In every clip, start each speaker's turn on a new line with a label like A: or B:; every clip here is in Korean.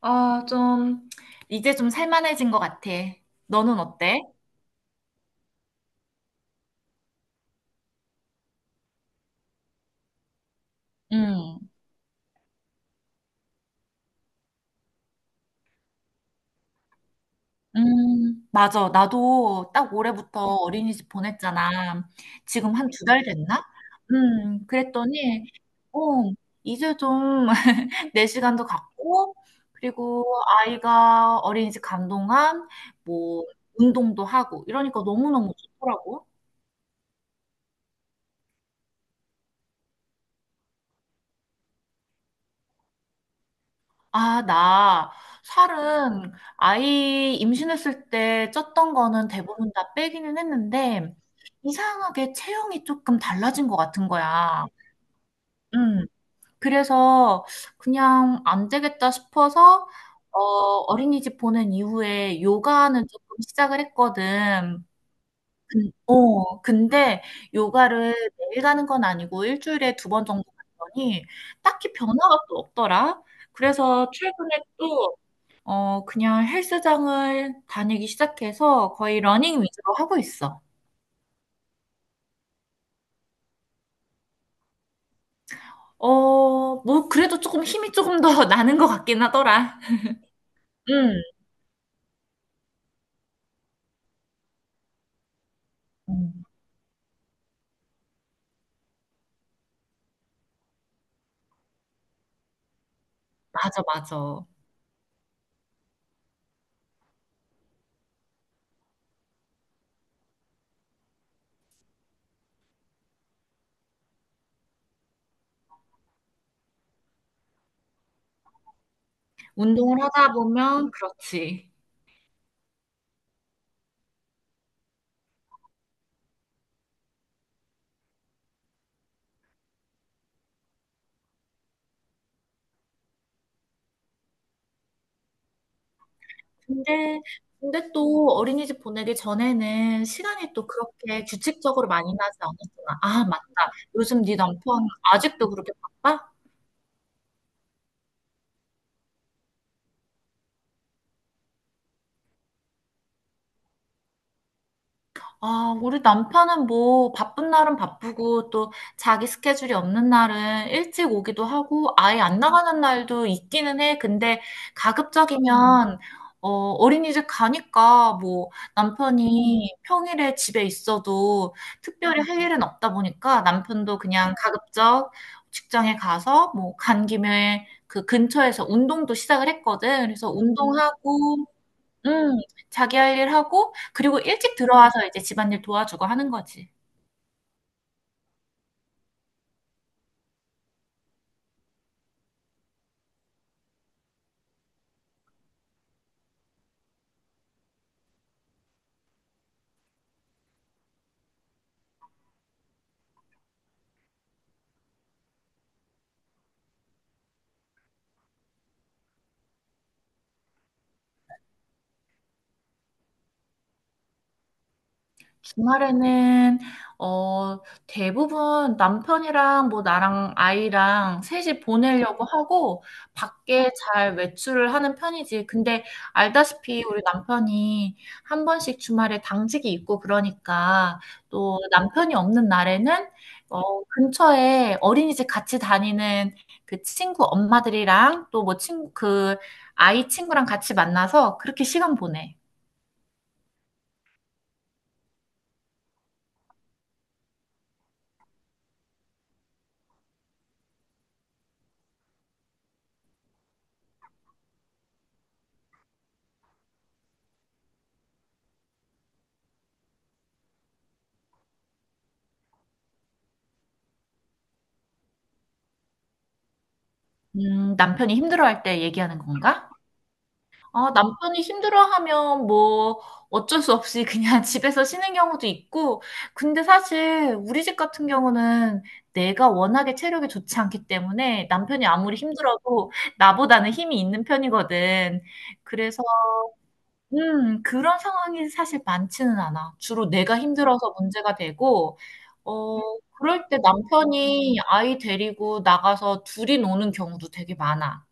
A: 아, 좀, 이제 좀 살만해진 것 같아. 너는 어때? 음, 맞아. 나도 딱 올해부터 어린이집 보냈잖아. 지금 한 2달 됐나? 그랬더니, 어, 이제 좀 내 시간도 갖고, 그리고 아이가 어린이집 간 동안 뭐, 운동도 하고, 이러니까 너무너무 좋더라고. 아, 나 살은 아이 임신했을 때 쪘던 거는 대부분 다 빼기는 했는데 이상하게 체형이 조금 달라진 것 같은 거야. 음, 그래서 그냥 안 되겠다 싶어서 어, 어린이집 보낸 이후에 요가는 조금 시작을 했거든. 근데 요가를 매일 가는 건 아니고 일주일에 2번 정도 갔더니 딱히 변화가 또 없더라. 그래서 최근에 또 그냥 헬스장을 다니기 시작해서 거의 러닝 위주로 하고 있어. 뭐, 그래도 조금 힘이 조금 더 나는 것 같긴 하더라. 응, 음, 맞아, 맞아. 운동을 하다 보면 그렇지. 근데, 근데 또 어린이집 보내기 전에는 시간이 또 그렇게 규칙적으로 많이 나지 않았잖아. 아, 맞다. 요즘 네 남편 아직도 그렇게 바빠? 아, 우리 남편은 뭐 바쁜 날은 바쁘고 또 자기 스케줄이 없는 날은 일찍 오기도 하고 아예 안 나가는 날도 있기는 해. 근데 가급적이면 어린이집 가니까 뭐 남편이 평일에 집에 있어도 특별히 할 일은 없다 보니까 남편도 그냥 가급적 직장에 가서 뭐 간 김에 그 근처에서 운동도 시작을 했거든. 그래서 운동하고 음. 자기 할 일 하고 그리고 일찍 들어와서 이제 집안일 도와주고 하는 거지. 주말에는 어 대부분 남편이랑 뭐 나랑 아이랑 셋이 보내려고 하고 밖에 잘 외출을 하는 편이지. 근데 알다시피 우리 남편이 한 번씩 주말에 당직이 있고 그러니까 또 남편이 없는 날에는 근처에 어린이집 같이 다니는 그 친구 엄마들이랑 또 뭐 친구 그 아이 친구랑 같이 만나서 그렇게 시간 보내. 남편이 힘들어할 때 얘기하는 건가? 아, 남편이 힘들어하면 뭐 어쩔 수 없이 그냥 집에서 쉬는 경우도 있고, 근데 사실 우리 집 같은 경우는 내가 워낙에 체력이 좋지 않기 때문에 남편이 아무리 힘들어도 나보다는 힘이 있는 편이거든. 그래서, 그런 상황이 사실 많지는 않아. 주로 내가 힘들어서 문제가 되고, 어, 그럴 때 남편이 아이 데리고 나가서 둘이 노는 경우도 되게 많아.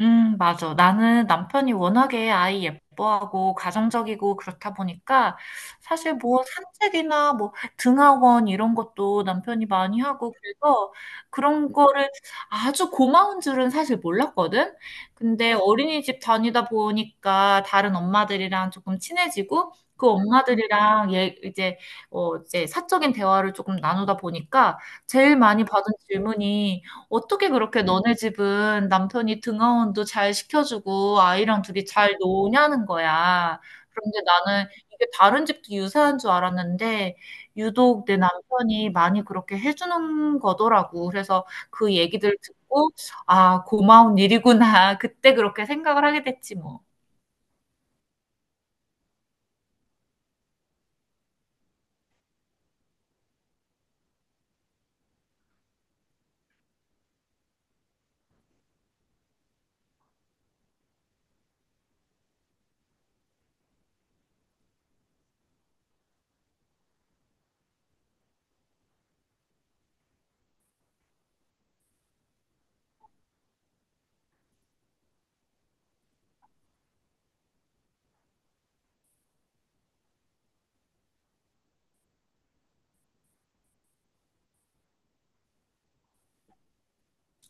A: 맞아. 나는 남편이 워낙에 아이 예뻐하고 가정적이고 그렇다 보니까 사실 뭐 산책이나 뭐 등하원 이런 것도 남편이 많이 하고 그래서 그런 거를 아주 고마운 줄은 사실 몰랐거든. 근데 어린이집 다니다 보니까 다른 엄마들이랑 조금 친해지고 그 엄마들이랑 얘 이제 어 이제 사적인 대화를 조금 나누다 보니까 제일 많이 받은 질문이 어떻게 그렇게 너네 집은 남편이 등하원도 잘 시켜주고 아이랑 둘이 잘 노냐는 거야. 그런데 나는 이게 다른 집도 유사한 줄 알았는데 유독 내 남편이 많이 그렇게 해주는 거더라고. 그래서 그 얘기들 듣고 아, 고마운 일이구나. 그때 그렇게 생각을 하게 됐지 뭐.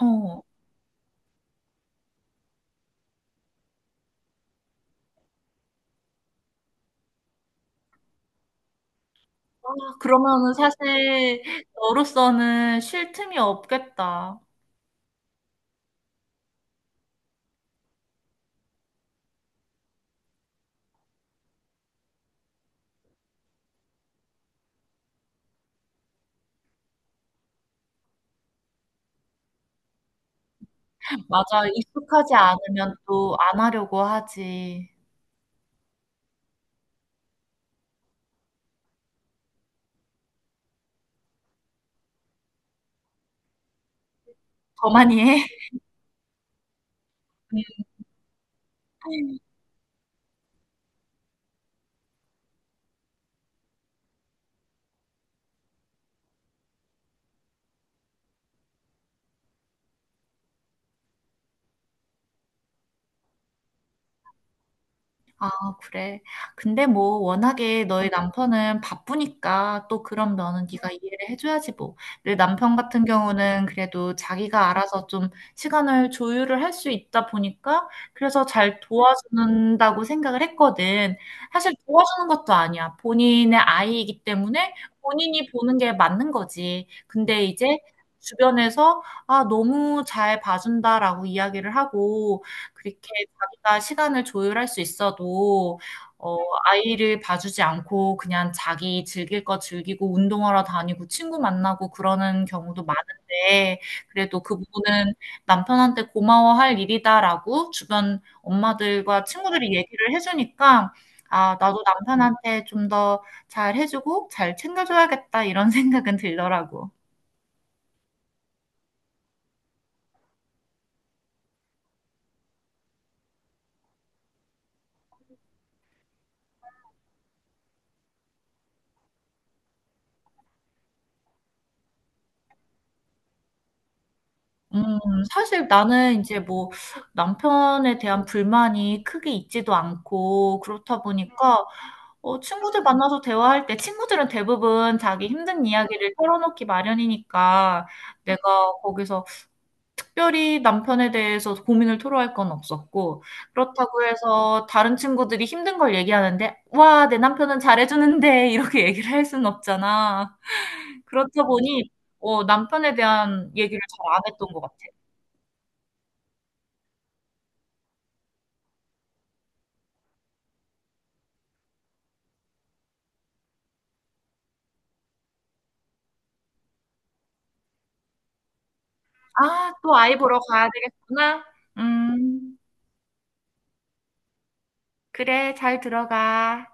A: 어. 아, 그러면은 사실 너로서는 쉴 틈이 없겠다. 맞아. 익숙하지 않으면 또 안 하려고 하지. 더 많이 해. 네. 아, 그래. 근데 뭐 워낙에 너희 남편은 바쁘니까 또 그런 면은 네가 이해를 해줘야지 뭐. 내 남편 같은 경우는 그래도 자기가 알아서 좀 시간을 조율을 할 수 있다 보니까 그래서 잘 도와준다고 생각을 했거든. 사실 도와주는 것도 아니야. 본인의 아이이기 때문에 본인이 보는 게 맞는 거지. 근데 이제 주변에서 아, 너무 잘 봐준다라고 이야기를 하고 그렇게 자기가 시간을 조율할 수 있어도 어 아이를 봐주지 않고 그냥 자기 즐길 거 즐기고 운동하러 다니고 친구 만나고 그러는 경우도 많은데 그래도 그 부분은 '남편한테 고마워할 일이다.'라고 주변 엄마들과 친구들이 얘기를 해 주니까 '아 나도 남편한테 좀 더 잘해 주고 잘 챙겨 줘야겠다.' 이런 생각은 들더라고. 음 사실 나는 이제 뭐 남편에 대한 불만이 크게 있지도 않고 그렇다 보니까 친구들 만나서 대화할 때 친구들은 대부분 자기 힘든 이야기를 털어놓기 마련이니까 내가 거기서 특별히 남편에 대해서 고민을 토로할 건 없었고 그렇다고 해서 다른 친구들이 힘든 걸 얘기하는데 "와 내 남편은 잘해 주는데." 이렇게 얘기를 할 수는 없잖아. 그렇다 보니 남편에 대한 얘기를 잘 안 했던 것 같아. 아, 또 아이 보러 가야 되겠구나. 음, 그래, 잘 들어가.